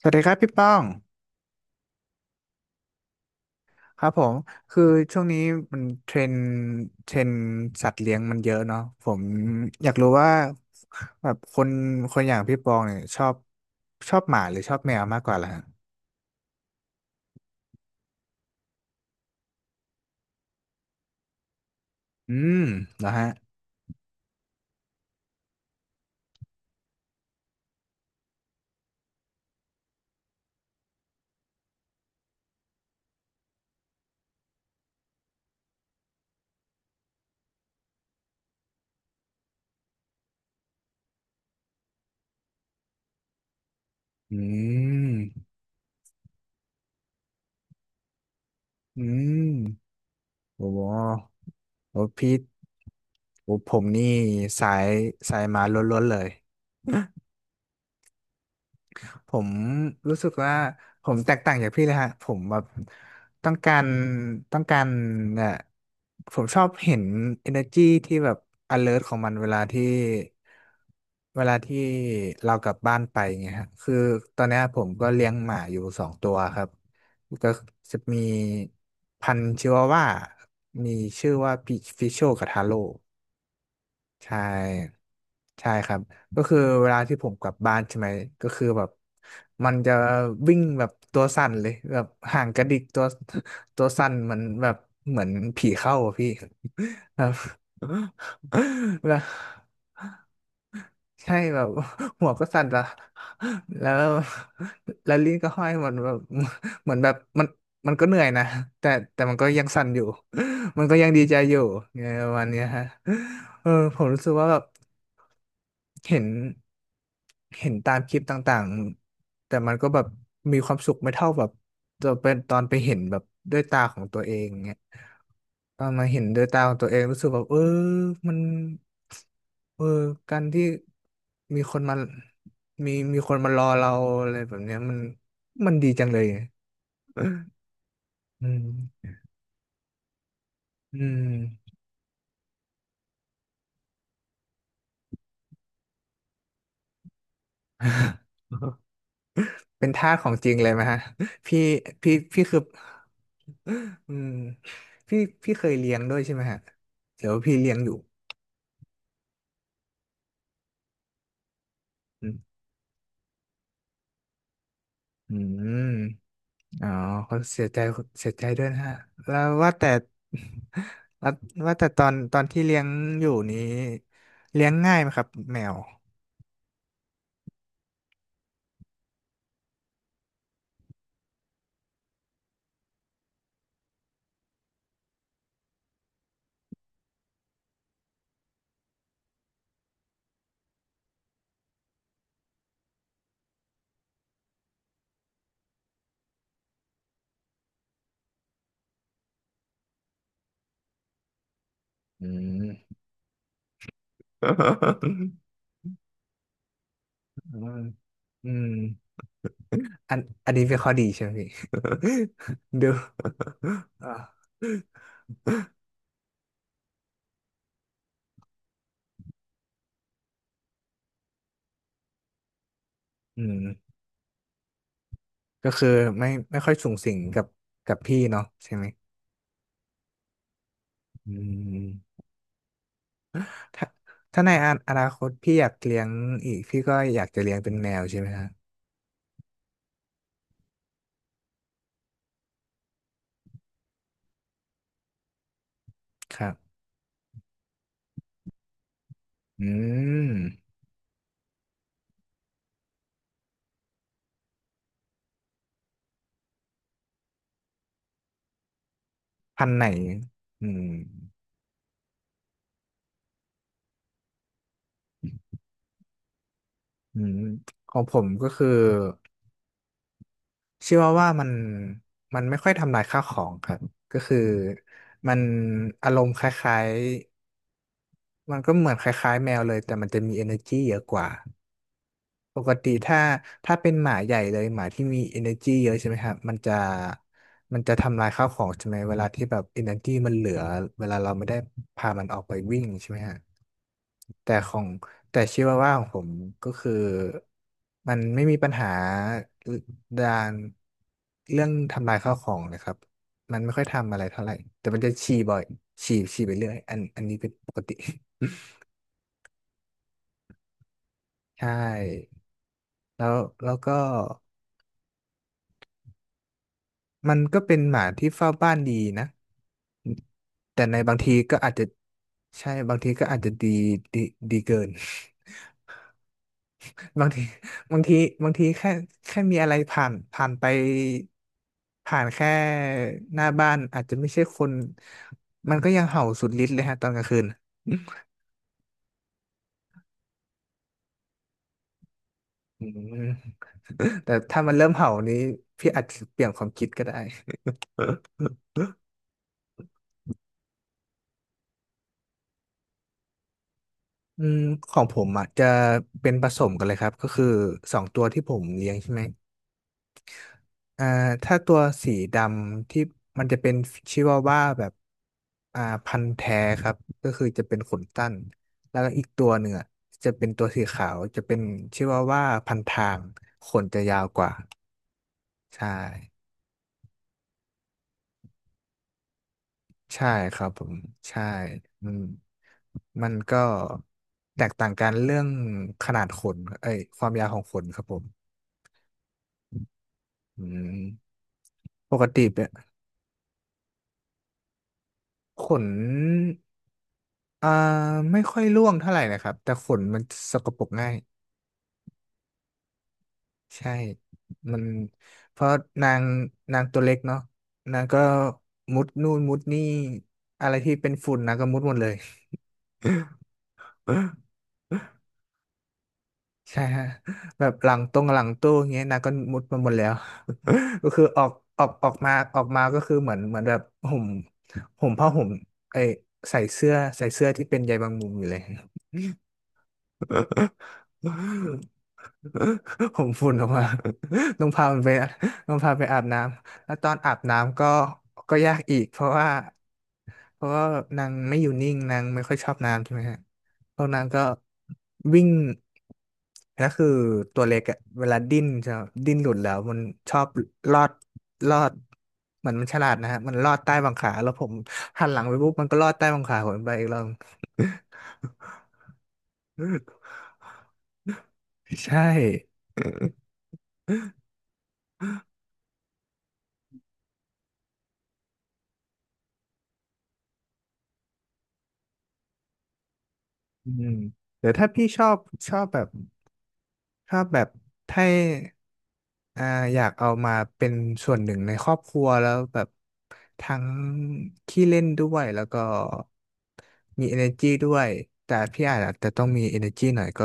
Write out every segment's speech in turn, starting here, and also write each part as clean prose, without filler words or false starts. สวัสดีครับพี่ป้องครับผมคือช่วงนี้มันเทรนด์สัตว์เลี้ยงมันเยอะเนาะผมอยากรู้ว่าแบบคนอย่างพี่ปองเนี่ยชอบหมาหรือชอบแมวมากกว่าล่ะฮะอืมเหรอฮะอืมอืมโอ้โหโอ้พี่โอ้ผมนี่สายสายหมาล้วนๆเลย ผมรู้สึกว่าผมแตกต่างจากพี่เลยฮะผมแบบต้องการต้องการเอ่อผมชอบเห็น energy ที่แบบ alert ของมันเวลาที่เรากลับบ้านไปเงี้ยฮะคือตอนเนี้ยผมก็เลี้ยงหมาอยู่สองตัวครับก็จะมีพันธุ์ชิวาว่ามีชื่อว่าพิชโชกับทาโร่ ใช่ใช่ครับก็คือเวลาที่ผมกลับบ้านใช่ไหมก็คือแบบมันจะวิ่งแบบตัวสั่นเลยแบบห่างกระดิกตัว ตัวสั่นเหมือนแบบเหมือนผีเข้าอะพี่แบบ แล้วใช่แบบหัวก็สั่นละแล้วแล้วลิ้นก็ห้อยเหมือนแบบเหมือนแบบมันก็เหนื่อยนะแต่แต่มันก็ยังสั่นอยู่ มันก็ยังดีใจอยู่ไงประมาณเนี้ยฮะเออผมรู้สึกว่าแบบ เห็นเห็นตามคลิปต่างๆ แต่มันก็แบบมีความสุขไม่เท่าแบบตอนเป็นตอนไปเห็นแบบด้วยตาของตัวเองเงียตอนมาเห็นด้วยตาของตัวเองรู้สึกแบบเออมันเออการที่มีคนมามีคนมารอเราอะไรแบบเนี้ยมันดีจังเลยอืมอืม เป็นทาสของจริงเลยไหมฮะ พี่พี่คือ อืมพี่พี่เคยเรียนด้วยใช่ไหมฮะเดี๋ยวาพี่เรียนอยู่อืมอืมอ๋อเขาเสียใจเสียใจด้วยนะฮะแล้วว่าแต่ แล้วว่าแต่ตอนที่เลี้ยงอยู่นี้เลี้ยงง่ายไหมครับแมวอืมอืม อืมอันอันนี้เป็นข้อดีใช่ไหมพี่ ดูอ่าอืมก็คือไม่ค่อยสุงสิงกับพี่เนาะใช่ไหมอืม ถ้าถ้าในอนาอนาคตพี่อยากเลี้ยงอีกพี่ก็อยากจะเลี้ยงเป็นแมวใช่ไหมฮะครับอืมพันธุ์ไหนอืมอืมของผมก็คือชื่อว่ามันมันไม่ค่อยทำลายข้าวของครับก็คือมันอารมณ์คล้ายๆมันก็เหมือนคล้ายๆแมวเลยแต่มันจะมี energy เยอะกว่า ปกติถ้าเป็นหมาใหญ่เลยหมาที่มี energy เยอะใช่ไหมครับมันจะทำลายข้าวของใช่ไหมเวลาที่แบบ energy มันเหลือเวลาเราไม่ได้พามันออกไปวิ่งใช่ไหมฮะแต่ของแต่ชิวาว่าของผมก็คือมันไม่มีปัญหาด้านเรื่องทำลายข้าวของเลยครับมันไม่ค่อยทำอะไรเท่าไหร่แต่มันจะฉี่บ่อยฉี่ไปเรื่อยอันอันนี้เป็นปกติ ใช่แล้วแล้วก็มันก็เป็นหมาที่เฝ้าบ้านดีนะ แต่ในบางทีก็อาจจะใช่บางทีก็อาจจะดีดีดีเกิน บางทีบางทีบางทีแค่แค่มีอะไรผ่านผ่านไปผ่านแค่หน้าบ้านอาจจะไม่ใช่คนมันก็ยังเห่าสุดฤทธิ์เลยฮะตอนกลางคืน อืม แต่ถ้ามันเริ่มเห่านี้พี่อาจจะเปลี่ยนความคิดก็ได้ อืมของผมอ่ะจะเป็นผสมกันเลยครับก็คือสองตัวที่ผมเลี้ยงใช่ไหม อ่าถ้าตัวสีดำที่มันจะเป็นชิวาว่าแบบอ่าพันธุ์แท้ครับก็คือจะเป็นขนสั้นแล้วก็อีกตัวหนึ่งอะจะเป็นตัวสีขาวจะเป็นชิวาว่าพันทางขนจะยาวกว่าใช่ใช่ครับผมใช่อืมมันก็แตกต่างกันเรื่องขนาดขนเอ้ยความยาวของขนครับผมอืมปกติเนี่ยขน อ่าไม่ค่อยร่วงเท่าไหร่นะครับแต่ขนมันสกปรกง่ายใช่มันเพราะนางนางตัวเล็กเนาะนางก็มุดนู่นมุดนี่อะไรที่เป็นฝุ่นนางก็มุดหมดเลย ใช่ฮะแบบหลังตรงหลังตู้อย่างเงี้ยนางก็มุดมาหมดแล้ว ก็คือออกออกมาออกมาก็คือเหมือนเหมือนแบบห่มผ้าห่มไอยใส่เสื้อใส่เสื้อที่เป็นใยบางมุมอยู่เลย ผมฝุ่นออกมา ต้องพามันไปต้องพาไปอาบน้ำแล้วตอนอาบน้ำก็ก็ยากอีกเพราะว่านางไม่อยู่นิ่งนางไม่ค่อยชอบน้ำใช่ไหมฮะพวกนางก็วิ่งแล้วคือตัวเล็กอะเวลาดิ้นจะดิ้นหลุดแล้วมันชอบลอดลอดเหมือนมันฉลาดนะฮะมันลอดใต้บังขาแล้วผมหันหลังไปปุ๊บมันก็ลอดใต้บังขาผมไปอีกรอบ ใช่ อืมเดี๋ยวถ้าพี่ชอบชอบแบบชอบแบบให้อ่าอยากเอามาเป็นส่วนหนึ่งในครอบครัวแล้วแบบทั้งขี้เล่นด้วยแล้วก็มี energy ด้วยแต่พี่อาจจะต้องมี energy หน่อยก็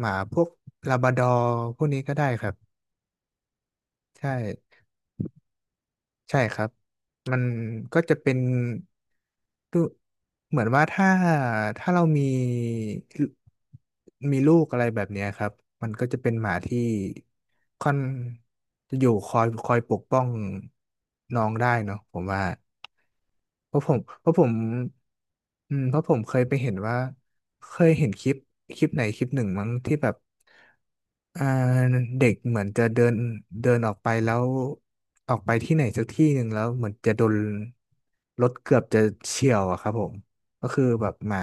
หมาพวกลาบราดอร์พวกนี้ก็ได้ครับใช่ ใช่ครับ มันก็จะเป็นดูเหมือนว่าถ้าเรามีลูกอะไรแบบเนี้ยครับ มันก็จะเป็นหมาที่ค่อนจะอยู่คอยปกป้องน้องได้เนาะผมว่า เพราะผมอืมเพราะผมเคยไปเห็นว่าเคยเห็นคลิปคลิปไหนคลิปหนึ่งมั้งที่แบบอ่าเด็กเหมือนจะเดินเดินออกไปแล้วออกไปที่ไหนสักที่หนึ่งแล้วเหมือนจะโดนรถเกือบจะเฉี่ยวอะครับผมก็คือแบบหมา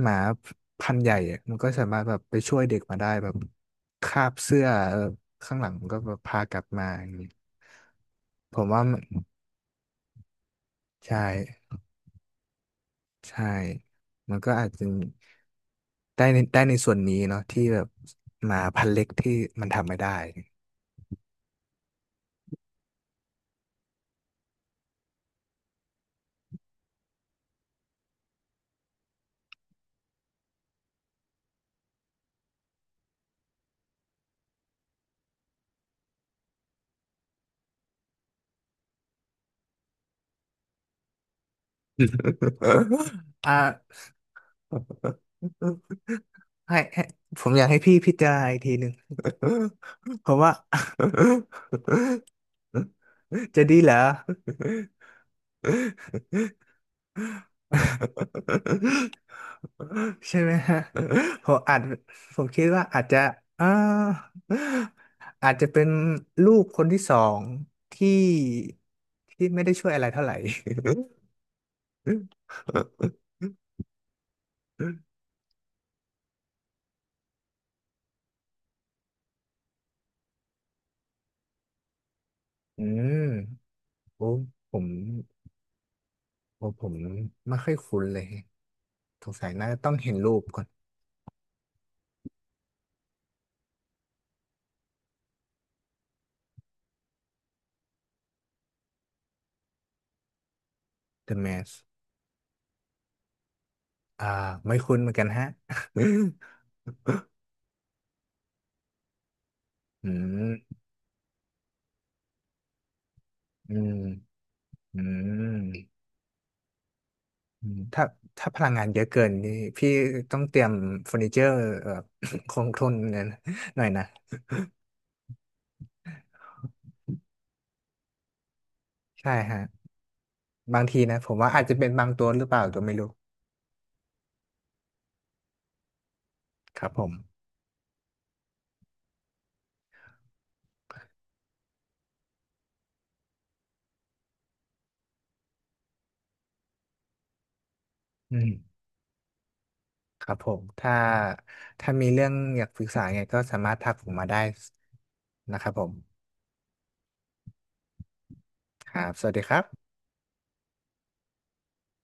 หมาพันธุ์ใหญ่อะมันก็สามารถแบบไปช่วยเด็กมาได้แบบคาบเสื้อเออข้างหลังมันก็แบบพากลับมาอย่างนี้ผมว่ามันใช่ ใช่ มันก็อาจจะได้ในส่วนนี้เนาะที่แบบหมาพันธุ์เล็กที่มันทำไม่ได้ อ่า ให้ผมอยากให้พี่พิจารณาอีกทีหนึ่ง ผมว่า จะดีเหรอ ใช่ไหมฮะ ผมอาจผมคิดว่าอาจจะอ่าอาจจะเป็นลูกคนที่สองที่ที่ไม่ได้ช่วยอะไรเท่าไหร่ อืมโอ้ผมผมไม่ค่อยคุ้นเลยสงสัยน่าจะต้องเห็นรูปก่อน The Mask อ่าไม่คุ้นเหมือนกันฮะ อืมอืมอืม อืมถ้าพลังงานเยอะเกินนี่พี่ต้องเตรียมเฟอร์นิเจอร์เอ่อ คงทนเนี่ยนะหน่อยนะใช่ฮะบางทีนะผมว่าอาจจะเป็นบางตัวหรือเปล่าตัวไม่รู้ครับผมอืมครับผมถ้าถ้ามีเรื่องอยากปรึกษาไงก็สามารถทักผมมาได้นะครับผมครับสวัสดีครับ